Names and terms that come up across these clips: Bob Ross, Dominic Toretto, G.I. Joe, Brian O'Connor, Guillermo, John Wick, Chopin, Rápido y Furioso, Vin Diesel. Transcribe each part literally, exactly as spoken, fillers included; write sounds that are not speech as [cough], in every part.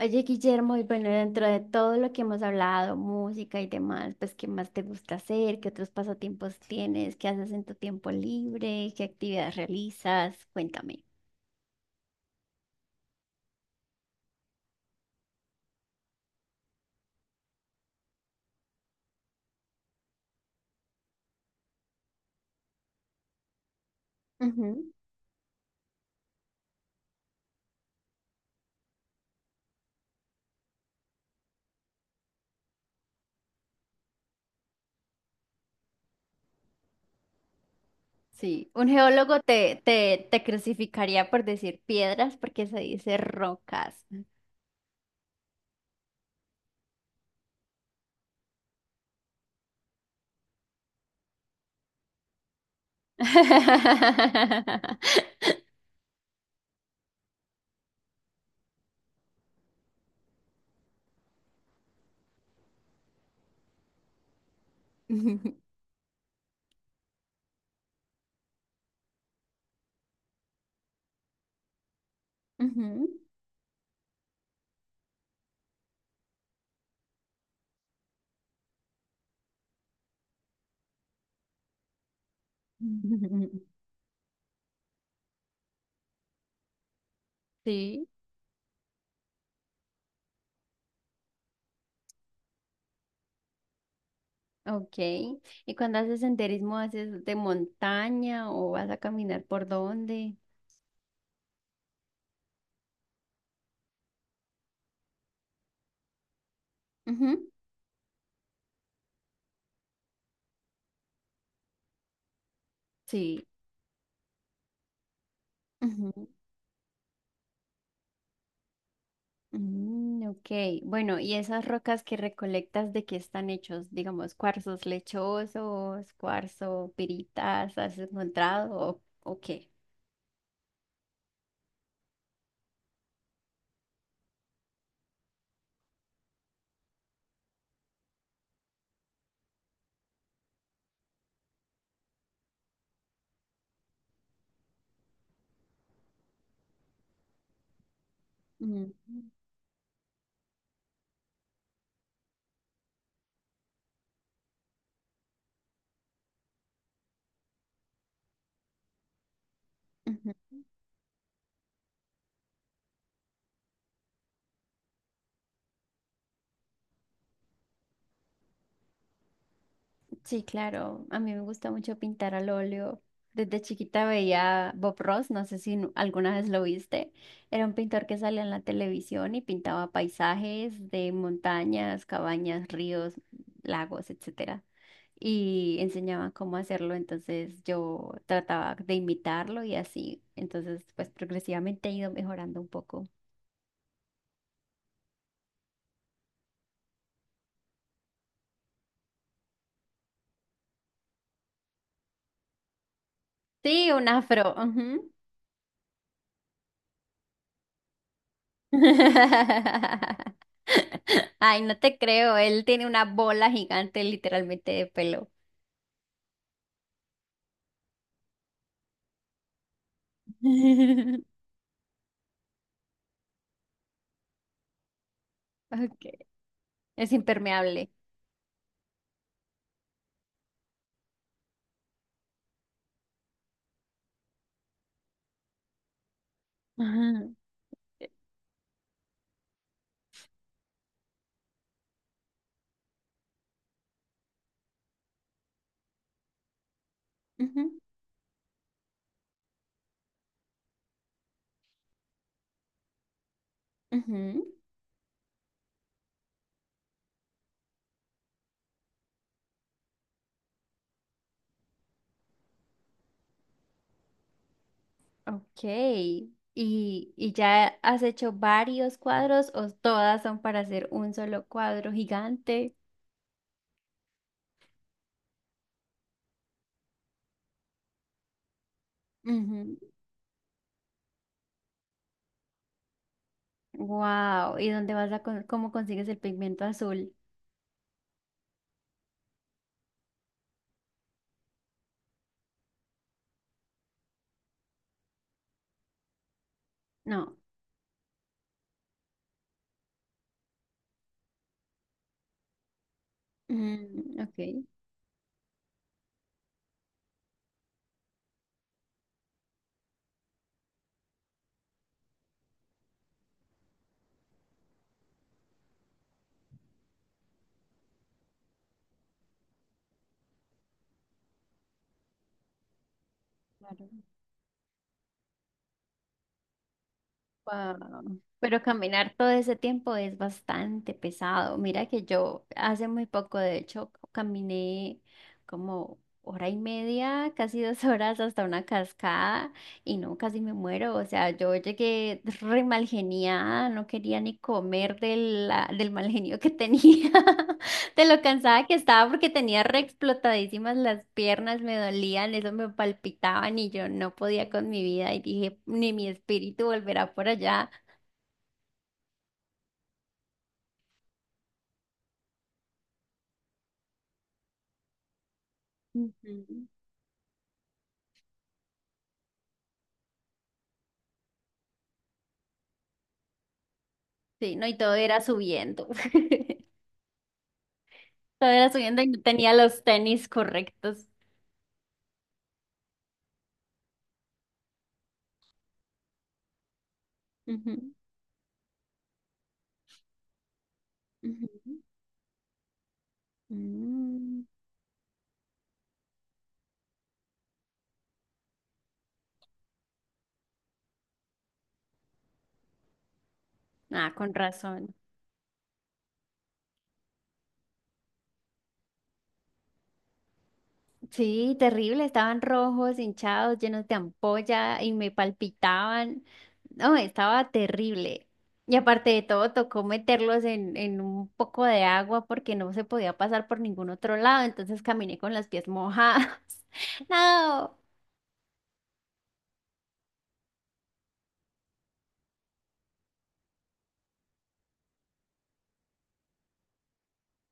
Oye, Guillermo, y bueno, dentro de todo lo que hemos hablado, música y demás, pues, ¿qué más te gusta hacer? ¿Qué otros pasatiempos tienes? ¿Qué haces en tu tiempo libre? ¿Qué actividades realizas? Cuéntame. Ujú. Sí, un geólogo te, te, te crucificaría por decir piedras porque se dice rocas. [laughs] Ujú. Ujú. Sí. Ok. ¿Y cuando haces senderismo, haces de montaña o vas a caminar por dónde? Ujú. Sí. Ujú. Mm, ok, bueno, ¿y esas rocas que recolectas de qué están hechos? Digamos, cuarzos lechosos, cuarzo, piritas, ¿has encontrado o, o qué? Mm, ujú. Sí, claro, a mí me gusta mucho pintar al óleo. Desde chiquita veía Bob Ross, no sé si nu- alguna vez lo viste. Era un pintor que salía en la televisión y pintaba paisajes de montañas, cabañas, ríos, lagos, etcétera. Y enseñaban cómo hacerlo, entonces yo trataba de imitarlo y así, entonces pues progresivamente he ido mejorando un poco. Sí, un afro. Ujú. [laughs] Ay, no te creo, él tiene una bola gigante literalmente de pelo. [laughs] Okay. Es impermeable. Ujú, ujú, ujú. Ok. ¿Y, y ya has hecho varios cuadros o todas son para hacer un solo cuadro gigante? Wow. ¿Y dónde vas a con- cómo consigues el pigmento azul? No. Mm, ok. Claro. Wow. Pero caminar todo ese tiempo es bastante pesado. Mira que yo hace muy poco, de hecho, caminé como hora y media, casi dos [laughs] horas hasta una cascada y no, casi me muero. O sea, yo llegué re malgeniada, no quería ni comer del, del mal genio que tenía. [laughs] De lo cansada que estaba porque tenía re explotadísimas las piernas, me dolían, eso me palpitaban y yo no podía con mi vida y dije, ni mi espíritu volverá por allá. Ujú. Sí, no, y todo era subiendo. [laughs] Todo era subiendo y no tenía los tenis correctos. Ujú, ujú. Mm. Ah, con razón. Sí, terrible, estaban rojos, hinchados, llenos de ampolla y me palpitaban. No, estaba terrible. Y aparte de todo, tocó meterlos en, en un poco de agua porque no se podía pasar por ningún otro lado, entonces caminé con las pies mojadas. [laughs] No.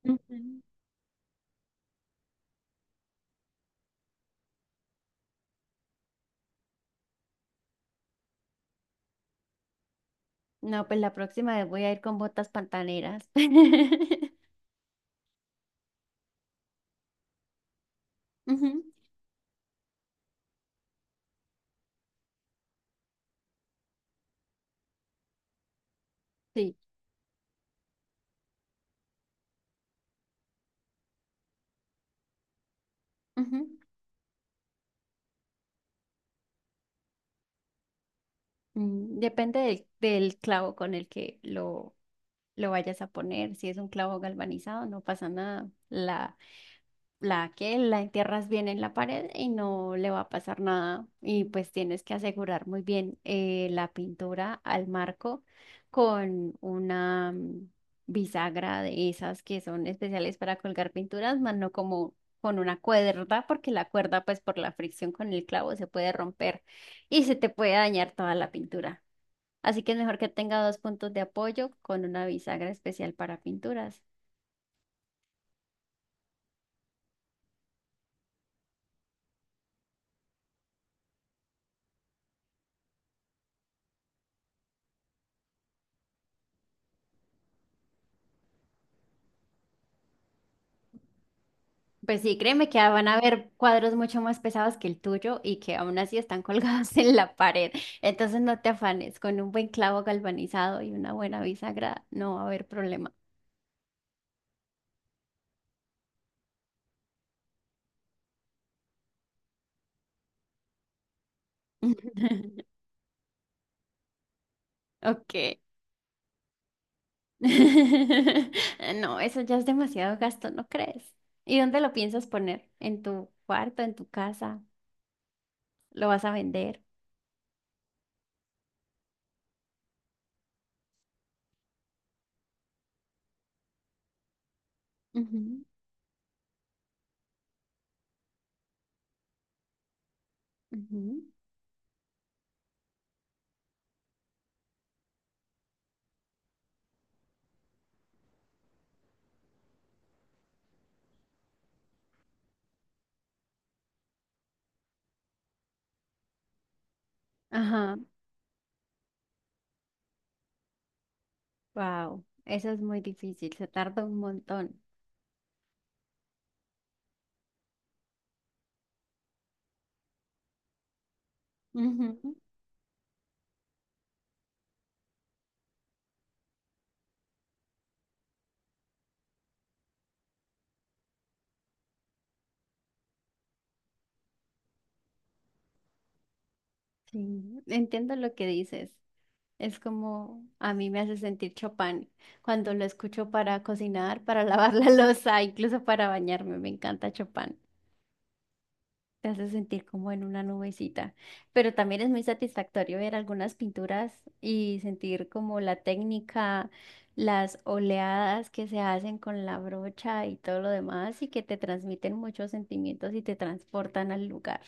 Ujú. No, pues la próxima vez voy a ir con botas pantaneras. [laughs] Ujú. Sí. Ujú. Mm, depende del, del clavo con el que lo lo vayas a poner. Si es un clavo galvanizado, no pasa nada. La, la que la entierras bien en la pared y no le va a pasar nada. Y pues tienes que asegurar muy bien eh, la pintura al marco con una mm, bisagra de esas que son especiales para colgar pinturas, más no como con una cuerda, porque la cuerda, pues por la fricción con el clavo, se puede romper y se te puede dañar toda la pintura. Así que es mejor que tenga dos puntos de apoyo con una bisagra especial para pinturas. Pues sí, créeme que van a haber cuadros mucho más pesados que el tuyo y que aún así están colgados [laughs] en la pared. Entonces no te afanes, con un buen clavo galvanizado y una buena bisagra no va a haber problema. [laughs] Ok. [laughs] No, eso ya es demasiado gasto, ¿no crees? ¿Y dónde lo piensas poner? ¿En tu cuarto, en tu casa? ¿Lo vas a vender? Ujú, ujú. Ajá. Wow, eso es muy difícil, se tarda un montón. Ujú. Sí, entiendo lo que dices. Es como a mí me hace sentir Chopin cuando lo escucho para cocinar, para [laughs] lavar la loza, incluso para bañarme. Me encanta Chopin. Te hace sentir como en una nubecita, pero también es muy satisfactorio ver algunas pinturas y sentir como la técnica, las oleadas que se hacen con la brocha y todo lo demás y que te transmiten muchos sentimientos y te transportan al lugar.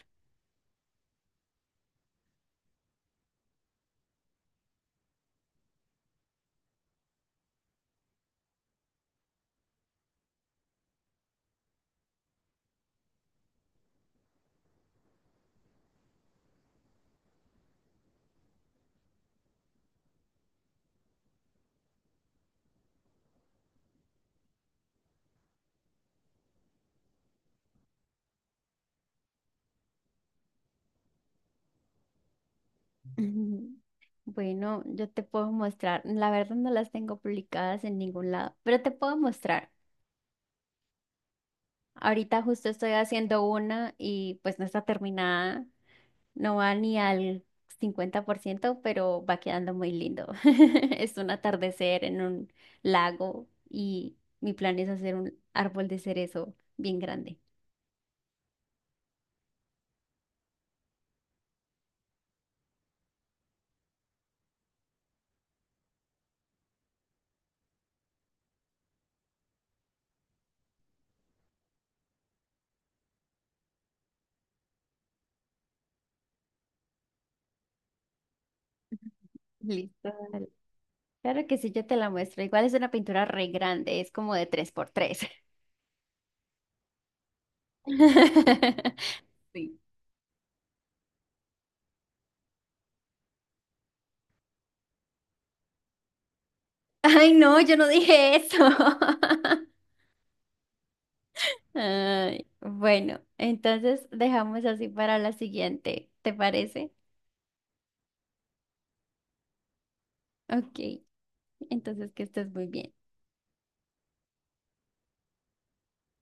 Ujú. [laughs] Bueno, yo te puedo mostrar, la verdad no las tengo publicadas en ningún lado, pero te puedo mostrar. Ahorita justo estoy haciendo una y pues no está terminada. No va ni al cincuenta por ciento pero va quedando muy lindo. [laughs] Es un atardecer en un lago y mi plan es hacer un árbol de cerezo bien grande. Listo. Claro, claro que sí, yo te la muestro. Igual es una pintura re grande, es como de tres por tres. [laughs] Sí. Ay, no, yo no dije eso. [laughs] Ay, bueno, entonces dejamos así para la siguiente, ¿te parece? Ok, entonces que estés muy bien.